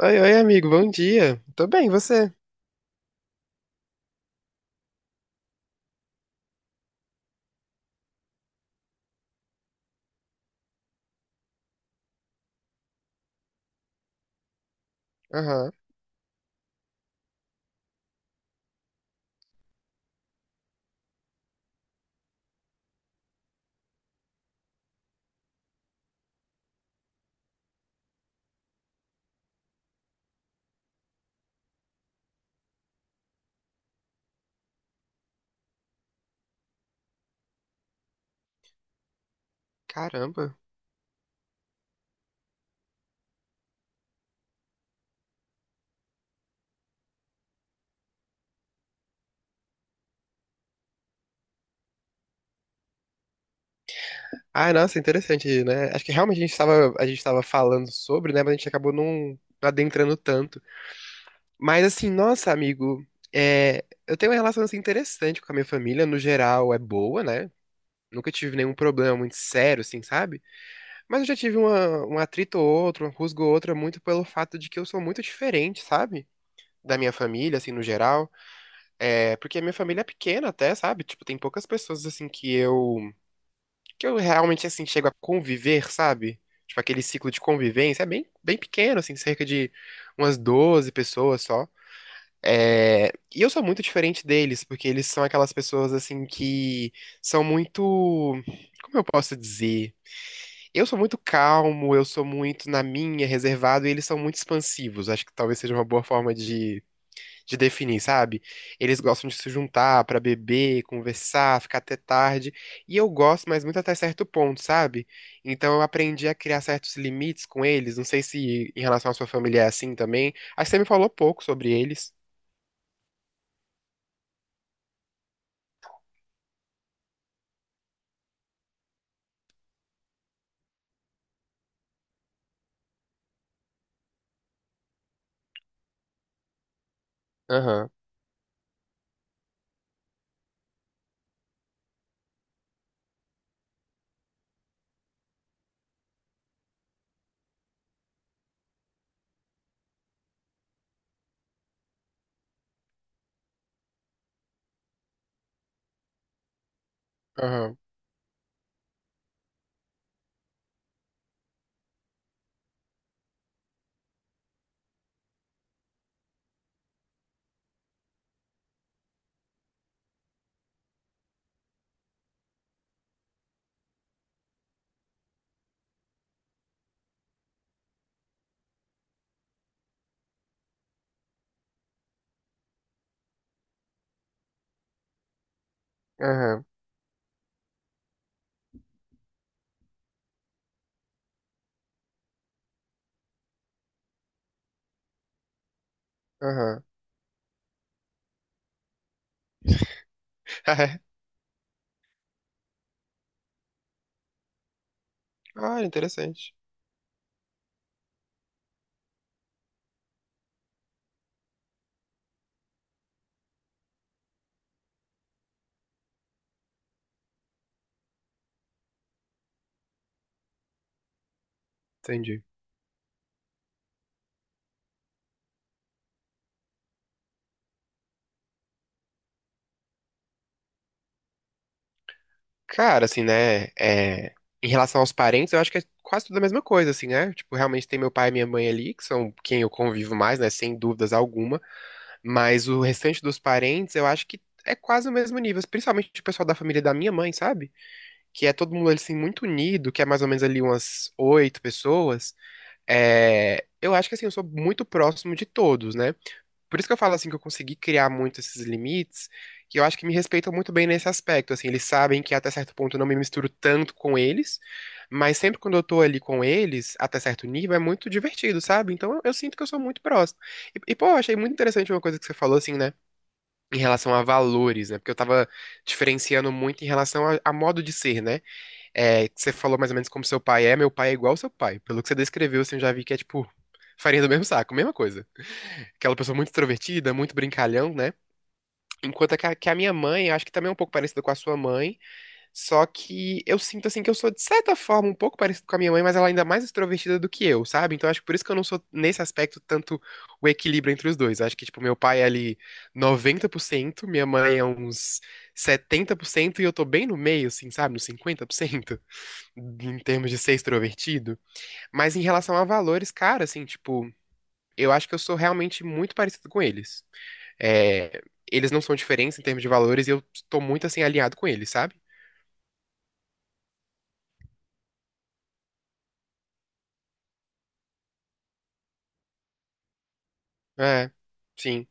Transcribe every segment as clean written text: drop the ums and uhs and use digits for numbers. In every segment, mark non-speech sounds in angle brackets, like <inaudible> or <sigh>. Oi, oi, amigo, bom dia. Tô bem, e você? Aham. Caramba. Ah, nossa, interessante, né? Acho que realmente a gente tava falando sobre, né? Mas a gente acabou não adentrando tanto. Mas assim, nossa, amigo, é, eu tenho uma relação assim, interessante com a minha família. No geral, é boa, né? Nunca tive nenhum problema muito sério, assim, sabe? Mas eu já tive uma, um atrito ou outro, uma rusga ou outra, muito pelo fato de que eu sou muito diferente, sabe? Da minha família, assim, no geral. É, porque a minha família é pequena até, sabe? Tipo, tem poucas pessoas assim que eu realmente assim chego a conviver, sabe? Tipo, aquele ciclo de convivência é bem, bem pequeno, assim, cerca de umas 12 pessoas só. É, e eu sou muito diferente deles, porque eles são aquelas pessoas assim que são muito, como eu posso dizer? Eu sou muito calmo, eu sou muito na minha, reservado, e eles são muito expansivos. Acho que talvez seja uma boa forma de definir, sabe? Eles gostam de se juntar pra beber, conversar, ficar até tarde. E eu gosto, mas muito até certo ponto, sabe? Então eu aprendi a criar certos limites com eles. Não sei se em relação à sua família é assim também. Acho que você me falou pouco sobre eles. Aham, aham, aham, aham. <laughs> Ah, interessante. Entendi. Cara, assim, né? É, em relação aos parentes, eu acho que é quase tudo a mesma coisa, assim, né? Tipo, realmente tem meu pai e minha mãe ali, que são quem eu convivo mais, né? Sem dúvidas alguma. Mas o restante dos parentes, eu acho que é quase o mesmo nível, principalmente o pessoal da família da minha mãe, sabe? Que é todo mundo assim muito unido, que é mais ou menos ali umas 8 pessoas. É, eu acho que assim, eu sou muito próximo de todos, né? Por isso que eu falo assim que eu consegui criar muito esses limites, que eu acho que me respeitam muito bem nesse aspecto, assim, eles sabem que até certo ponto eu não me misturo tanto com eles, mas sempre quando eu tô ali com eles, até certo nível, é muito divertido, sabe? Então eu sinto que eu sou muito próximo. E pô, eu achei muito interessante uma coisa que você falou assim, né? Em relação a valores, né? Porque eu tava diferenciando muito em relação a modo de ser, né? É, que você falou mais ou menos como seu pai é, meu pai é igual ao seu pai. Pelo que você descreveu, assim, eu já vi que é tipo farinha do mesmo saco, mesma coisa. Aquela pessoa muito extrovertida, muito brincalhão, né? Enquanto que a minha mãe, eu acho que também é um pouco parecida com a sua mãe, só que eu sinto assim que eu sou, de certa forma, um pouco parecido com a minha mãe, mas ela ainda é mais extrovertida do que eu, sabe? Então acho que por isso que eu não sou, nesse aspecto, tanto o equilíbrio entre os dois. Acho que, tipo, meu pai é ali 90%, minha mãe é uns 70%, e eu tô bem no meio, assim, sabe? Nos 50%, <laughs> em termos de ser extrovertido. Mas em relação a valores, cara, assim, tipo, eu acho que eu sou realmente muito parecido com eles. É, eles não são diferentes em termos de valores, e eu tô muito, assim, alinhado com eles, sabe? É, sim.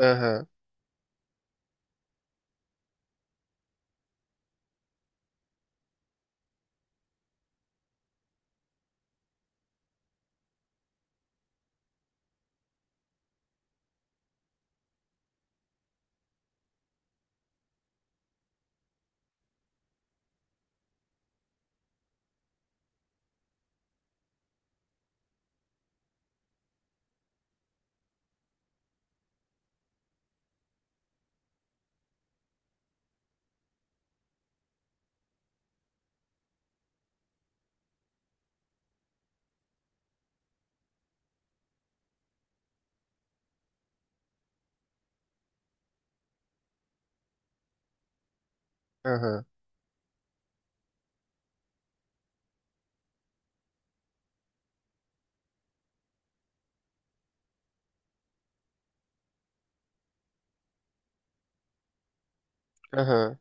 Aham, aham, aham,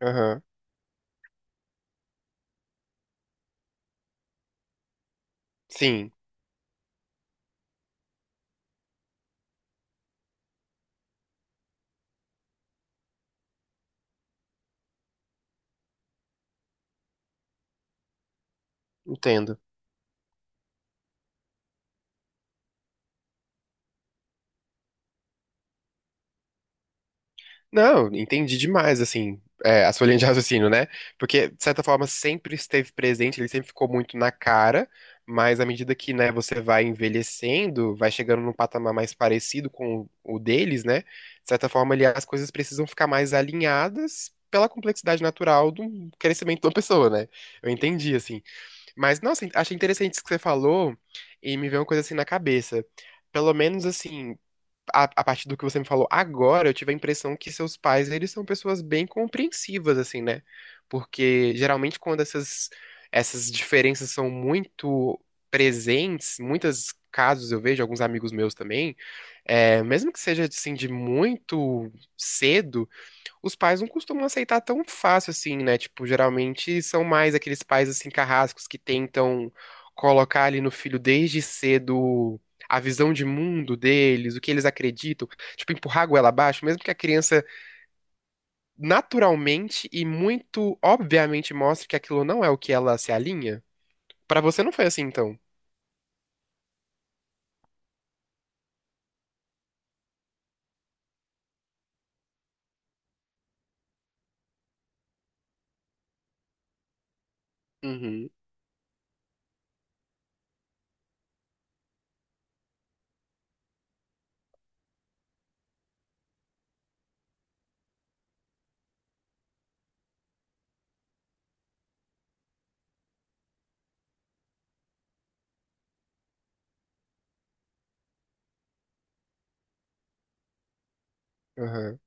aham. Sim, entendo. Não, entendi demais, assim, é, a sua <laughs> linha de raciocínio, né? Porque, de certa forma, sempre esteve presente, ele sempre ficou muito na cara, mas à medida que, né, você vai envelhecendo, vai chegando num patamar mais parecido com o deles, né? De certa forma, ali, as coisas precisam ficar mais alinhadas pela complexidade natural do crescimento de uma pessoa, né? Eu entendi, assim. Mas, nossa, achei interessante isso que você falou e me veio uma coisa assim na cabeça. Pelo menos, assim, a partir do que você me falou agora, eu tive a impressão que seus pais, eles são pessoas bem compreensivas, assim, né? Porque geralmente quando essas diferenças são muito presentes, muitos casos eu vejo, alguns amigos meus também, é, mesmo que seja, assim, de muito cedo, os pais não costumam aceitar tão fácil assim, né? Tipo, geralmente são mais aqueles pais assim carrascos que tentam colocar ali no filho desde cedo a visão de mundo deles, o que eles acreditam, tipo, empurrar a goela abaixo, mesmo que a criança naturalmente e muito obviamente mostre que aquilo não é o que ela se alinha. Pra você não foi assim, então? Uhum, aham.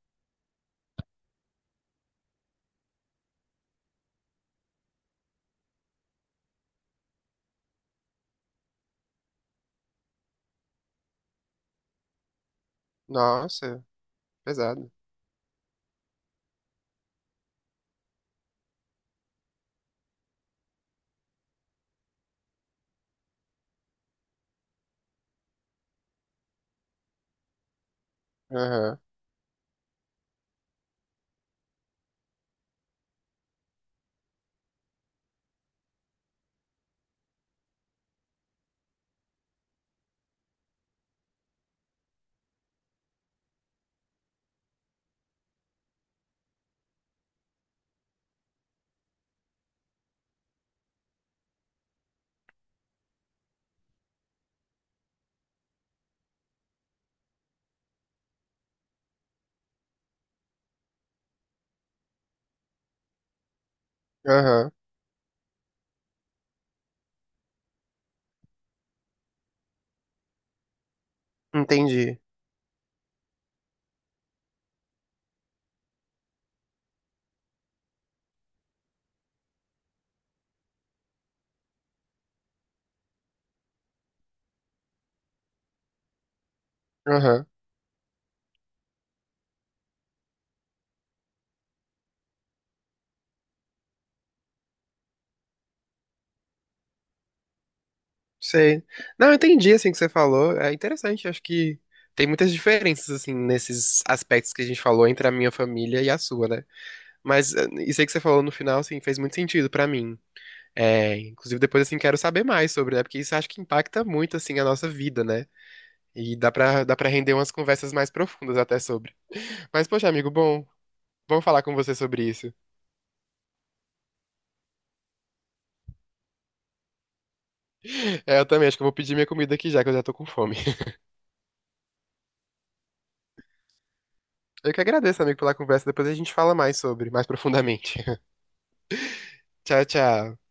Nossa, pesado. Aham, aham. Entendi. Aham. Sei. Não, eu entendi assim que você falou. É interessante, acho que tem muitas diferenças assim nesses aspectos que a gente falou entre a minha família e a sua, né? Mas eh, isso aí que você falou no final, assim, fez muito sentido pra mim. É, inclusive depois assim quero saber mais sobre, né? Porque isso acho que impacta muito assim a nossa vida, né? E dá para render umas conversas mais profundas até sobre. Mas poxa, amigo, bom, vamos falar com você sobre isso. É, eu também acho que eu vou pedir minha comida aqui já que eu já tô com fome. <laughs> Eu que agradeço, amigo, pela conversa. Depois a gente fala mais sobre, mais profundamente. <laughs> Tchau, tchau.